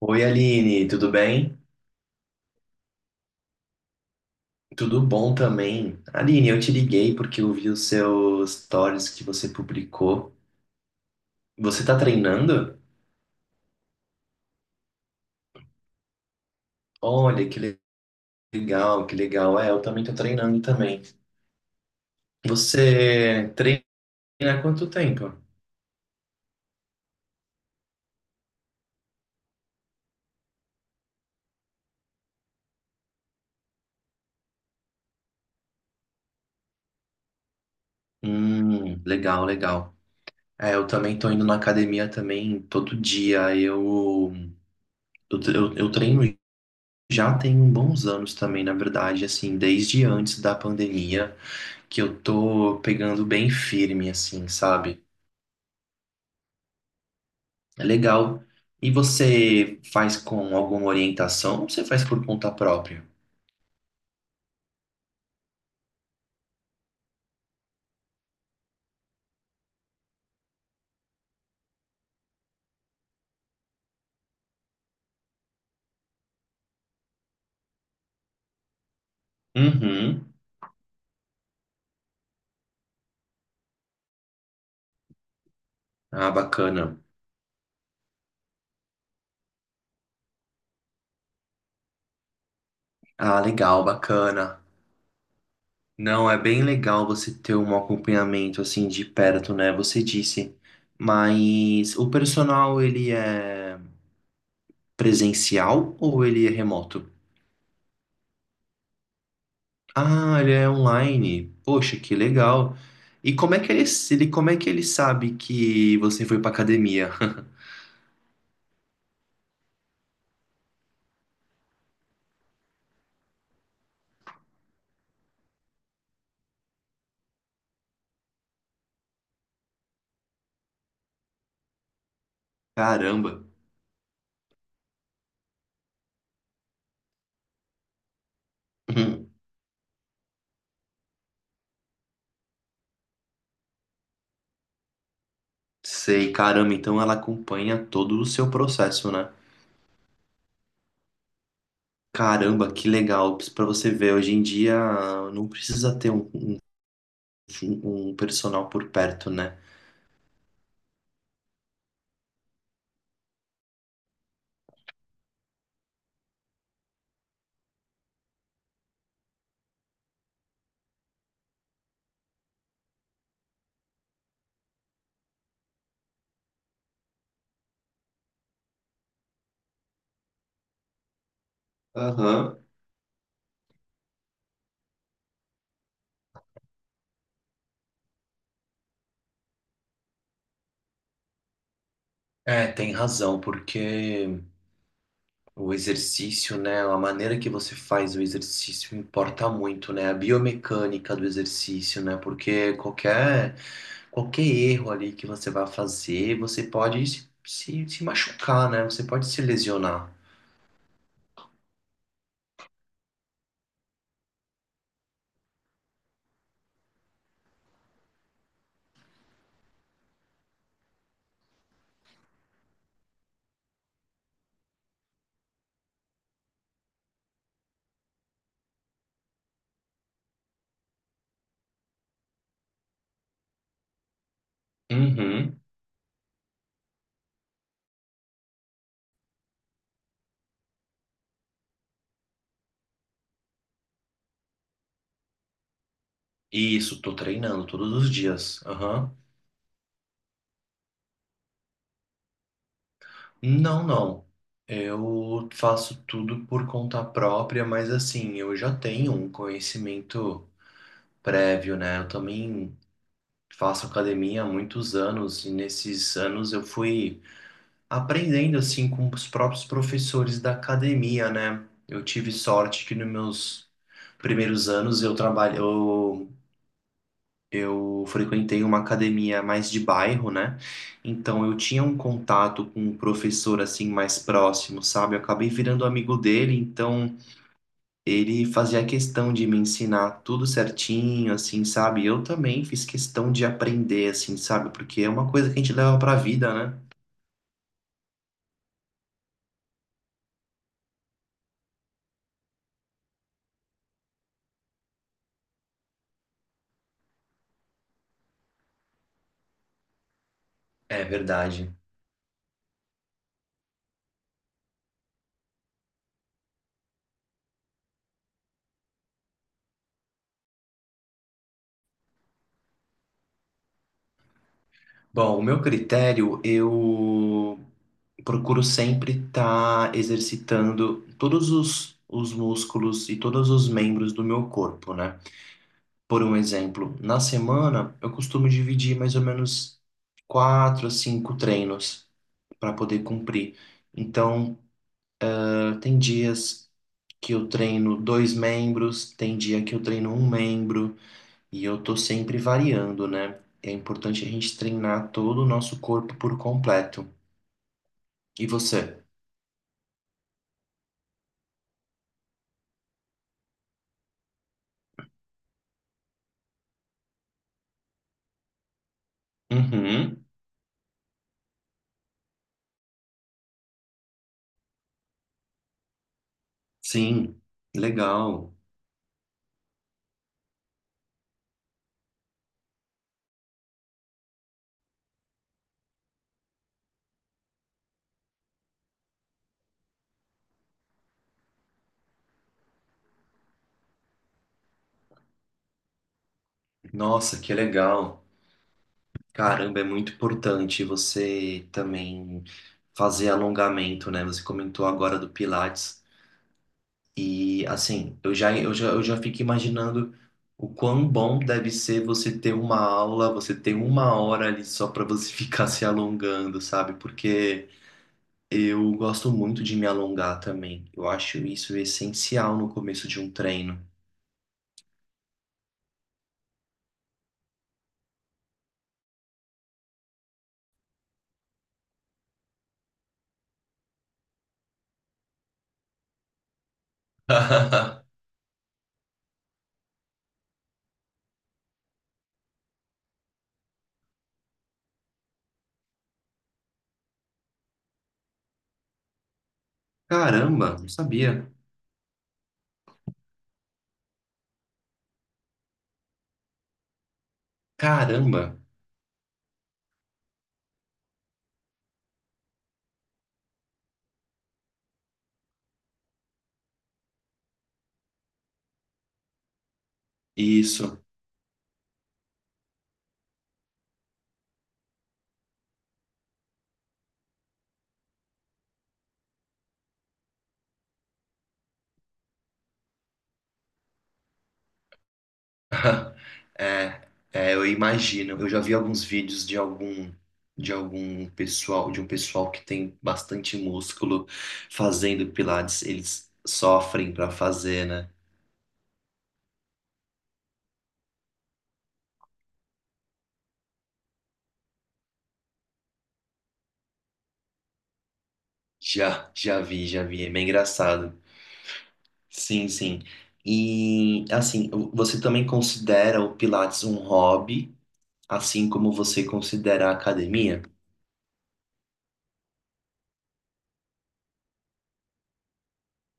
Oi, Aline, tudo bem? Tudo bom também. Aline, eu te liguei porque eu vi os seus stories que você publicou. Você tá treinando? Olha, legal, que legal. É, eu também tô treinando também. Você treina há quanto tempo? Legal, legal. É, eu também tô indo na academia também todo dia. Eu treino já tem uns bons anos também, na verdade, assim, desde antes da pandemia. Que eu tô pegando bem firme, assim, sabe? É legal. E você faz com alguma orientação ou você faz por conta própria? Uhum. Ah, bacana. Ah, legal, bacana. Não, é bem legal você ter um acompanhamento assim de perto, né? Você disse. Mas o personal, ele é presencial ou ele é remoto? Ah, ele é online. Poxa, que legal. E como é que ele, como é que ele sabe que você foi pra academia? Caramba. Hum, Sei, caramba, então ela acompanha todo o seu processo, né? Caramba, que legal. Pra você ver, hoje em dia não precisa ter um personal por perto, né? Aham. É, tem razão, porque o exercício, né? A maneira que você faz o exercício importa muito, né? A biomecânica do exercício, né? Porque qualquer erro ali que você vá fazer, você pode se machucar, né? Você pode se lesionar. Uhum. Isso, tô treinando todos os dias. Aham. Não, não. Eu faço tudo por conta própria, mas assim, eu já tenho um conhecimento prévio, né? Eu também faço academia há muitos anos e nesses anos eu fui aprendendo assim com os próprios professores da academia, né? Eu tive sorte que nos meus primeiros anos eu trabalho, eu frequentei uma academia mais de bairro, né? Então eu tinha um contato com um professor assim mais próximo, sabe? Eu acabei virando amigo dele, então ele fazia questão de me ensinar tudo certinho, assim, sabe? Eu também fiz questão de aprender, assim, sabe? Porque é uma coisa que a gente leva pra vida, né? É verdade. Bom, o meu critério, eu procuro sempre estar exercitando todos os músculos e todos os membros do meu corpo, né? Por um exemplo, na semana eu costumo dividir mais ou menos quatro a cinco treinos para poder cumprir. Então, tem dias que eu treino dois membros, tem dia que eu treino um membro, e eu tô sempre variando, né? É importante a gente treinar todo o nosso corpo por completo. E você? Uhum. Sim, legal. Nossa, que legal. Caramba, é muito importante você também fazer alongamento, né? Você comentou agora do Pilates. E assim, eu já fico imaginando o quão bom deve ser você ter uma aula, você ter uma hora ali só para você ficar se alongando, sabe? Porque eu gosto muito de me alongar também. Eu acho isso essencial no começo de um treino. Caramba, não sabia. Caramba, isso. Eu imagino. Eu já vi alguns vídeos de algum de um pessoal que tem bastante músculo fazendo pilates, eles sofrem para fazer, né? Já vi, já vi. É bem engraçado. Sim, sim. E assim, você também considera o pilates um hobby, assim como você considera a academia?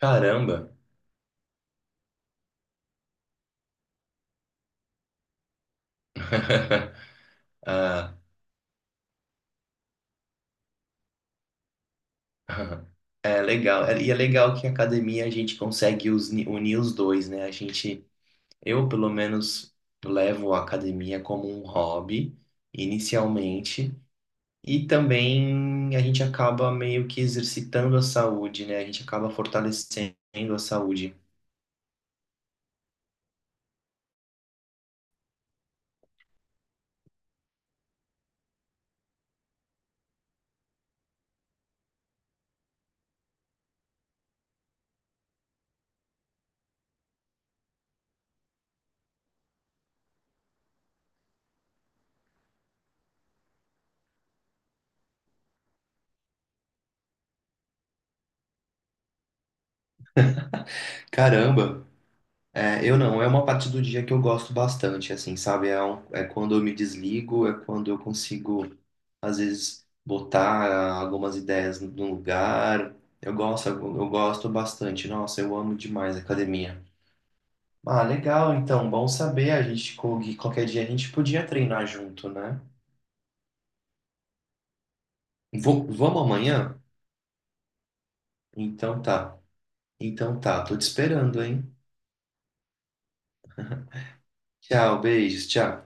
Caramba. Ah, aham. É legal. E é legal que a academia a gente consegue unir os dois, né? A gente, eu pelo menos levo a academia como um hobby inicialmente e também a gente acaba meio que exercitando a saúde, né? A gente acaba fortalecendo a saúde. Caramba! É, eu não, é uma parte do dia que eu gosto bastante, assim, sabe? É, é quando eu me desligo, é quando eu consigo, às vezes, botar algumas ideias no lugar. Eu gosto bastante. Nossa, eu amo demais a academia. Ah, legal, então, bom saber. A gente, qualquer dia a gente podia treinar junto, né? Vamos amanhã? Então tá. Então tá, tô te esperando, hein? Tchau, beijos, tchau.